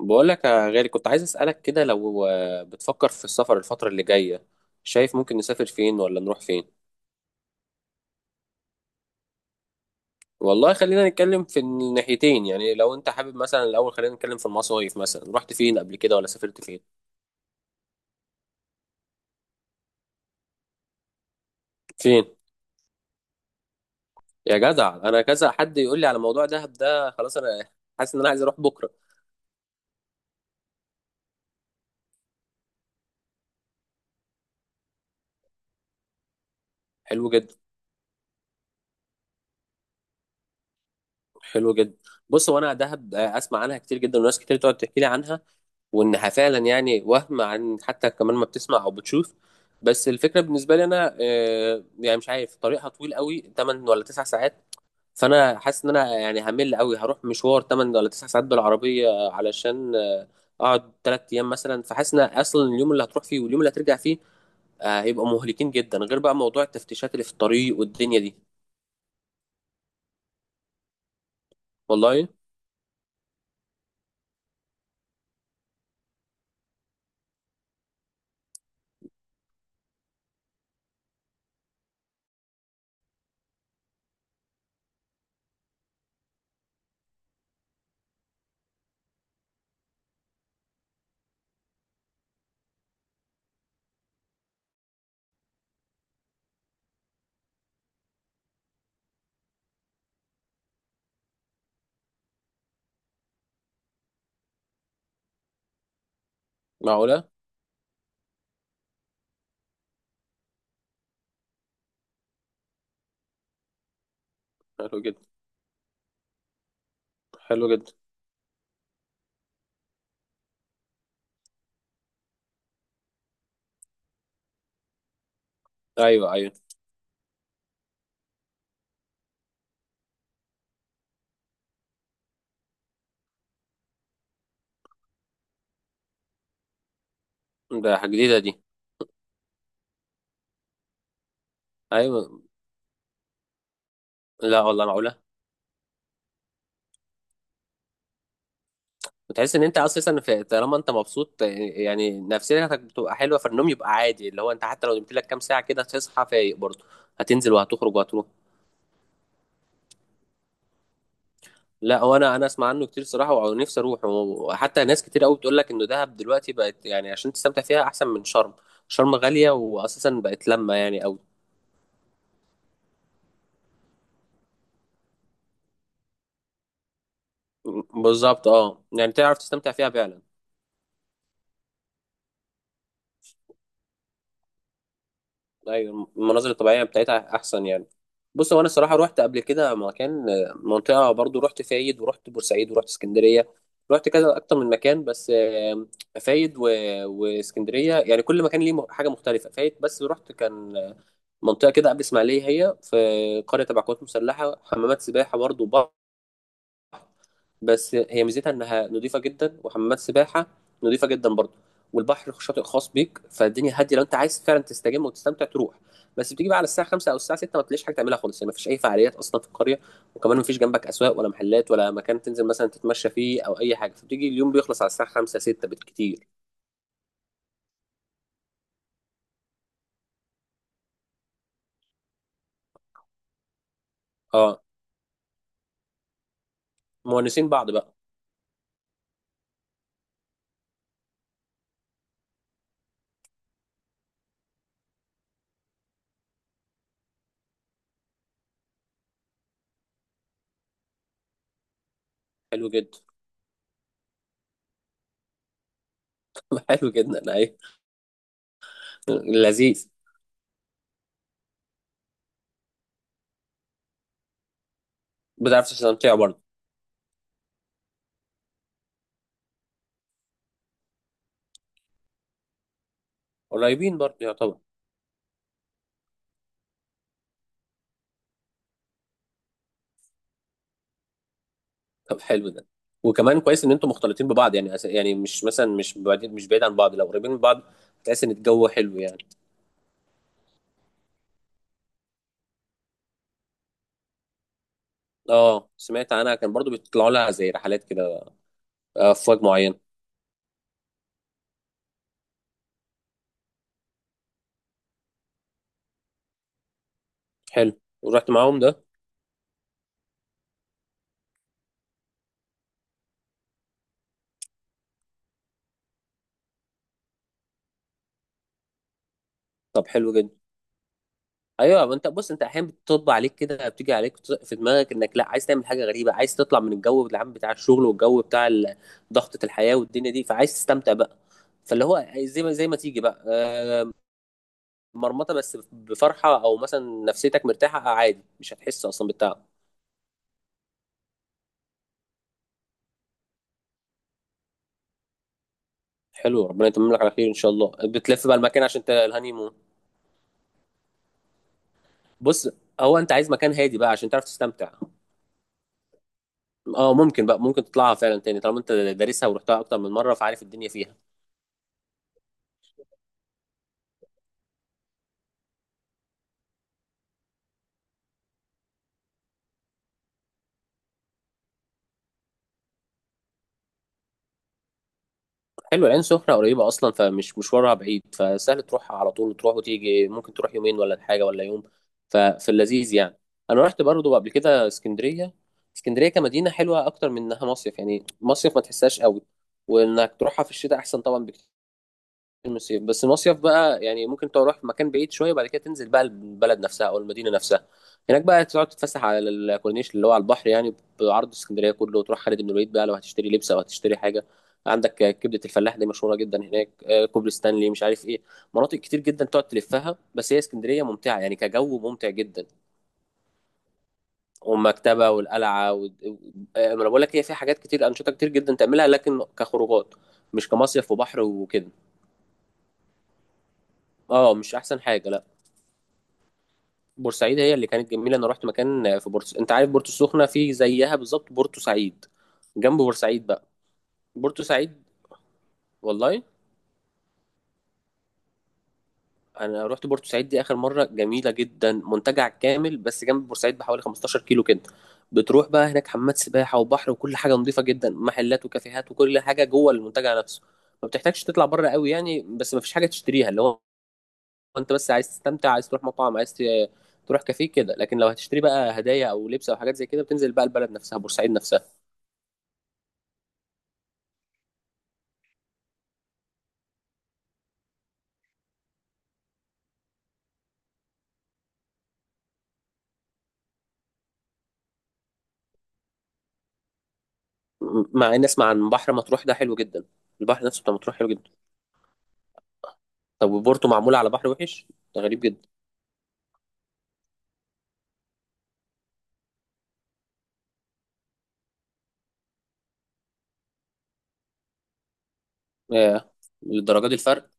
بقول لك يا غالي، كنت عايز أسألك كده. لو بتفكر في السفر الفترة اللي جاية، شايف ممكن نسافر فين ولا نروح فين؟ والله خلينا نتكلم في الناحيتين، يعني لو انت حابب مثلا الأول خلينا نتكلم في المصايف. مثلا رحت فين قبل كده، ولا سافرت فين؟ فين؟ يا جدع انا كذا حد يقول لي على موضوع دهب ده، خلاص انا حاسس ان انا عايز اروح بكرة. حلو جدا. حلو جدا. بص، وانا دهب اسمع عنها كتير جدا، وناس كتير تقعد تحكي لي عنها، وانها فعلا يعني وهم عن حتى كمان ما بتسمع او بتشوف. بس الفكره بالنسبه لي انا يعني مش عارف، طريقها طويل قوي، 8 ولا 9 ساعات. فانا حاسس ان انا يعني همل قوي هروح مشوار 8 ولا 9 ساعات بالعربيه، علشان اقعد 3 ايام مثلا. فحاسس ان اصلا اليوم اللي هتروح فيه واليوم اللي هترجع فيه هيبقى مهلكين جدا، غير بقى موضوع التفتيشات اللي في الطريق والدنيا دي. والله؟ معقوله. حلو جدا. حلو جدا. ايوه، ايوه. ده حاجه جديده دي؟ ايوه. لا والله، معقوله. وتحس ان انت اساسا في، طالما انت مبسوط يعني نفسيتك بتبقى حلوه فالنوم يبقى عادي، اللي هو انت حتى لو نمت لك كام ساعه كده هتصحى فايق برضه. هتنزل وهتخرج وهتروح. لا، وانا اسمع عنه كتير صراحه ونفسي اروح، وحتى ناس كتير قوي بتقول لك انه دهب دلوقتي بقت يعني عشان تستمتع فيها احسن من شرم. شرم غاليه واساسا بقت، لما يعني او. بالظبط. اه يعني تعرف تستمتع فيها فعلا. ايوه، المناظر الطبيعيه بتاعتها احسن يعني. بص هو انا الصراحه رحت قبل كده مكان، منطقه. برضو رحت فايد، ورحت بورسعيد، ورحت اسكندريه. رحت كذا اكتر من مكان، بس فايد و... واسكندريه، يعني كل مكان ليه حاجه مختلفه. فايد بس رحت، كان منطقه كده قبل اسماعيليه، هي في قريه تبع قوات مسلحه، حمامات سباحه برضو. بس هي ميزتها انها نظيفه جدا، وحمامات سباحه نظيفه جدا برضه، والبحر شاطئ خاص بيك. فالدنيا هاديه، لو انت عايز فعلا تستجم وتستمتع تروح. بس بتيجي بقى على الساعه 5 او الساعه 6 ما تلاقيش حاجه تعملها خالص، يعني ما فيش اي فعاليات اصلا في القريه. وكمان ما فيش جنبك اسواق ولا محلات ولا مكان تنزل مثلا تتمشى فيه او اي حاجه، فبتيجي اليوم بيخلص على الساعه 5، 6 بالكتير. اه مونسين بعض بقى. حلو جدا. حلو جدا. ايوه. لذيذ. بتعرف تستمتع برضه. قريبين برضه يعتبر. طب حلو ده. وكمان كويس ان انتوا مختلطين ببعض، يعني يعني مش مثلا، مش بعيد مش بعيد عن بعض، لو قريبين من بعض هتحس ان الجو حلو يعني. اه سمعت عنها، كان برضو بيطلعوا لها زي رحلات كده، افواج معينه. حلو. ورحت معاهم ده؟ طب حلو جدا. ايوه ما انت، بص انت احيانا بتطب عليك كده، بتيجي عليك في دماغك انك لا عايز تعمل حاجه غريبه، عايز تطلع من الجو العام بتاع الشغل والجو بتاع ضغطه الحياه والدنيا دي، فعايز تستمتع بقى. فاللي هو زي ما تيجي بقى مرمطه بس بفرحه، او مثلا نفسيتك مرتاحه عادي مش هتحس اصلا بالتعب. حلو، ربنا يتمم لك على خير ان شاء الله. بتلف بقى المكان عشان الهانيمون؟ بص، هو انت عايز مكان هادي بقى عشان تعرف تستمتع. اه ممكن بقى، ممكن تطلعها فعلا تاني طالما انت دارسها ورحتها اكتر من مره، فعارف الدنيا فيها. حلو، العين سخنة قريبة أصلا، فمش مشوارها بعيد، فسهل تروحها على طول، تروح وتيجي، ممكن تروح يومين ولا حاجة ولا يوم. ففي اللذيذ يعني. أنا رحت برضه قبل كده اسكندرية. اسكندرية كمدينة حلوة أكتر من إنها مصيف، يعني مصيف ما تحسهاش قوي، وإنك تروحها في الشتاء أحسن طبعا بكتير. المصيف، بس المصيف بقى يعني ممكن تروح مكان بعيد شويه، بعد كده تنزل بقى البلد نفسها او المدينه نفسها. هناك بقى تقعد تتفسح على الكورنيش اللي هو على البحر يعني، بعرض اسكندريه كله. وتروح خالد بن الوليد بقى، لو هتشتري لبس او هتشتري حاجه. عندك كبده الفلاح دي مشهوره جدا هناك، كوبري ستانلي، مش عارف ايه. مناطق كتير جدا تقعد تلفها. بس هي اسكندريه ممتعه يعني، كجو ممتع جدا. والمكتبه والقلعه و... ما انا بقول لك هي فيها حاجات كتير، انشطه كتير جدا تعملها، لكن كخروجات، مش كمصيف وبحر وكده. اه مش احسن حاجه، لا. بورسعيد هي اللي كانت جميله. انا رحت مكان في بورس انت عارف بورتو السخنه؟ في زيها بالظبط، بورتو سعيد، جنب بورسعيد بقى. بورتو سعيد، والله. انا رحت بورتو سعيد دي اخر مره، جميله جدا، منتجع كامل بس جنب بورسعيد بحوالي 15 كيلو كده. بتروح بقى هناك حمامات سباحه وبحر وكل حاجه نظيفه جدا، محلات وكافيهات وكل حاجه جوه المنتجع نفسه. ما بتحتاجش تطلع بره قوي يعني، بس ما فيش حاجه تشتريها، اللي هو انت بس عايز تستمتع، عايز تروح مطعم، عايز تروح كافيه كده. لكن لو هتشتري بقى هدايا او لبس او حاجات زي كده، بتنزل بقى البلد نفسها، بورسعيد نفسها. مع اني اسمع عن بحر مطروح ده حلو جدا. البحر نفسه بتاع مطروح حلو جدا. طب وبورتو معمولة على بحر وحش؟ ده غريب جدا. ياه، للدرجة دي الفرق؟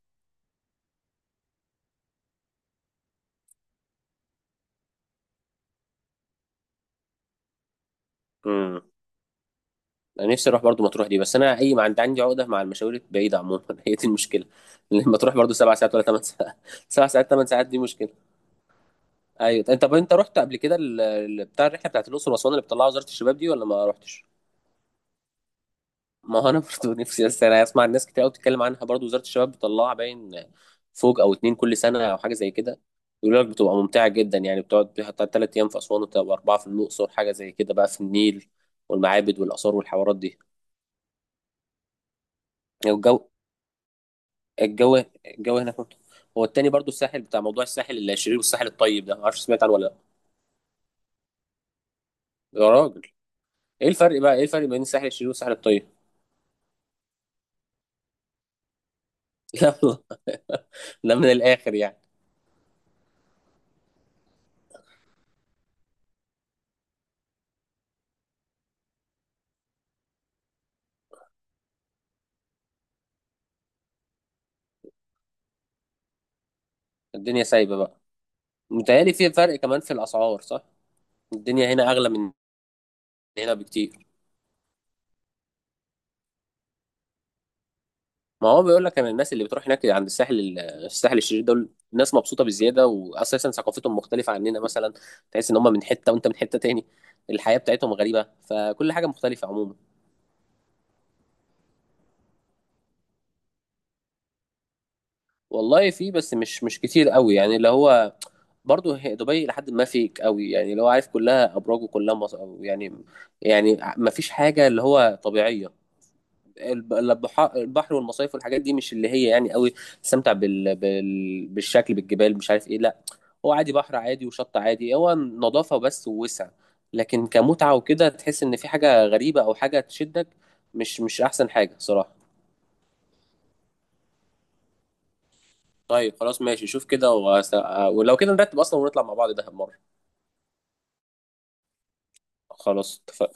امم. انا نفسي اروح برضو مطروح دي، بس انا ما عندي عقدة مع المشاوير البعيدة عموما. هي دي المشكلة. لما تروح برضو 7 ساعات ولا 8 ساعات 7 ساعات، 8 ساعات، دي مشكلة. ايوه انت، طب انت رحت قبل كده بتاع الرحلة بتاعت الأقصر وأسوان اللي بتطلعها وزارة الشباب دي، ولا ما رحتش؟ ما هو انا برضو نفسي، بس انا اسمع الناس كتير قوي بتتكلم عنها برضو، وزارة الشباب بتطلعها باين فوق او اتنين كل سنه او حاجه زي كده. يقول لك بتبقى ممتعه جدا، يعني بتقعد فيها 3 ايام في اسوان، وتبقى اربعه في الاقصر، حاجه زي كده بقى، في النيل والمعابد والاثار والحوارات دي. يعني الجو الجو هناك ممتع. هو التاني برضو الساحل، بتاع موضوع الساحل الشرير والساحل الطيب ده، ما اعرفش سمعت عنه ولا لا. يا راجل، ايه الفرق بين الساحل الشرير والساحل الطيب؟ لا والله. ده من الاخر يعني. الدنيا سايبه بقى؟ متهيألي في فرق كمان في الاسعار، صح؟ الدنيا هنا اغلى من هنا بكتير. ما هو بيقول لك، انا الناس اللي بتروح هناك عند الساحل الساحل الشرير دول ناس مبسوطه بزياده، واساسا ثقافتهم مختلفه عننا مثلا. تحس ان هم من حته وانت من حته تاني، الحياه بتاعتهم غريبه، فكل حاجه مختلفه عموما. والله في، بس مش كتير قوي يعني، اللي هو برضه هي دبي لحد ما فيك قوي يعني، اللي هو عارف كلها ابراج وكلها يعني، يعني ما فيش حاجه اللي هو طبيعيه. البحر والمصايف والحاجات دي مش اللي هي يعني قوي تستمتع بالشكل بالجبال، مش عارف ايه، لا. هو عادي، بحر عادي وشط عادي، هو نظافة بس ووسع. لكن كمتعة وكده تحس ان في حاجة غريبة او حاجة تشدك، مش احسن حاجة صراحة. طيب خلاص ماشي، شوف كده ولو كده نرتب اصلا ونطلع مع بعض دهب مرة. خلاص اتفقنا.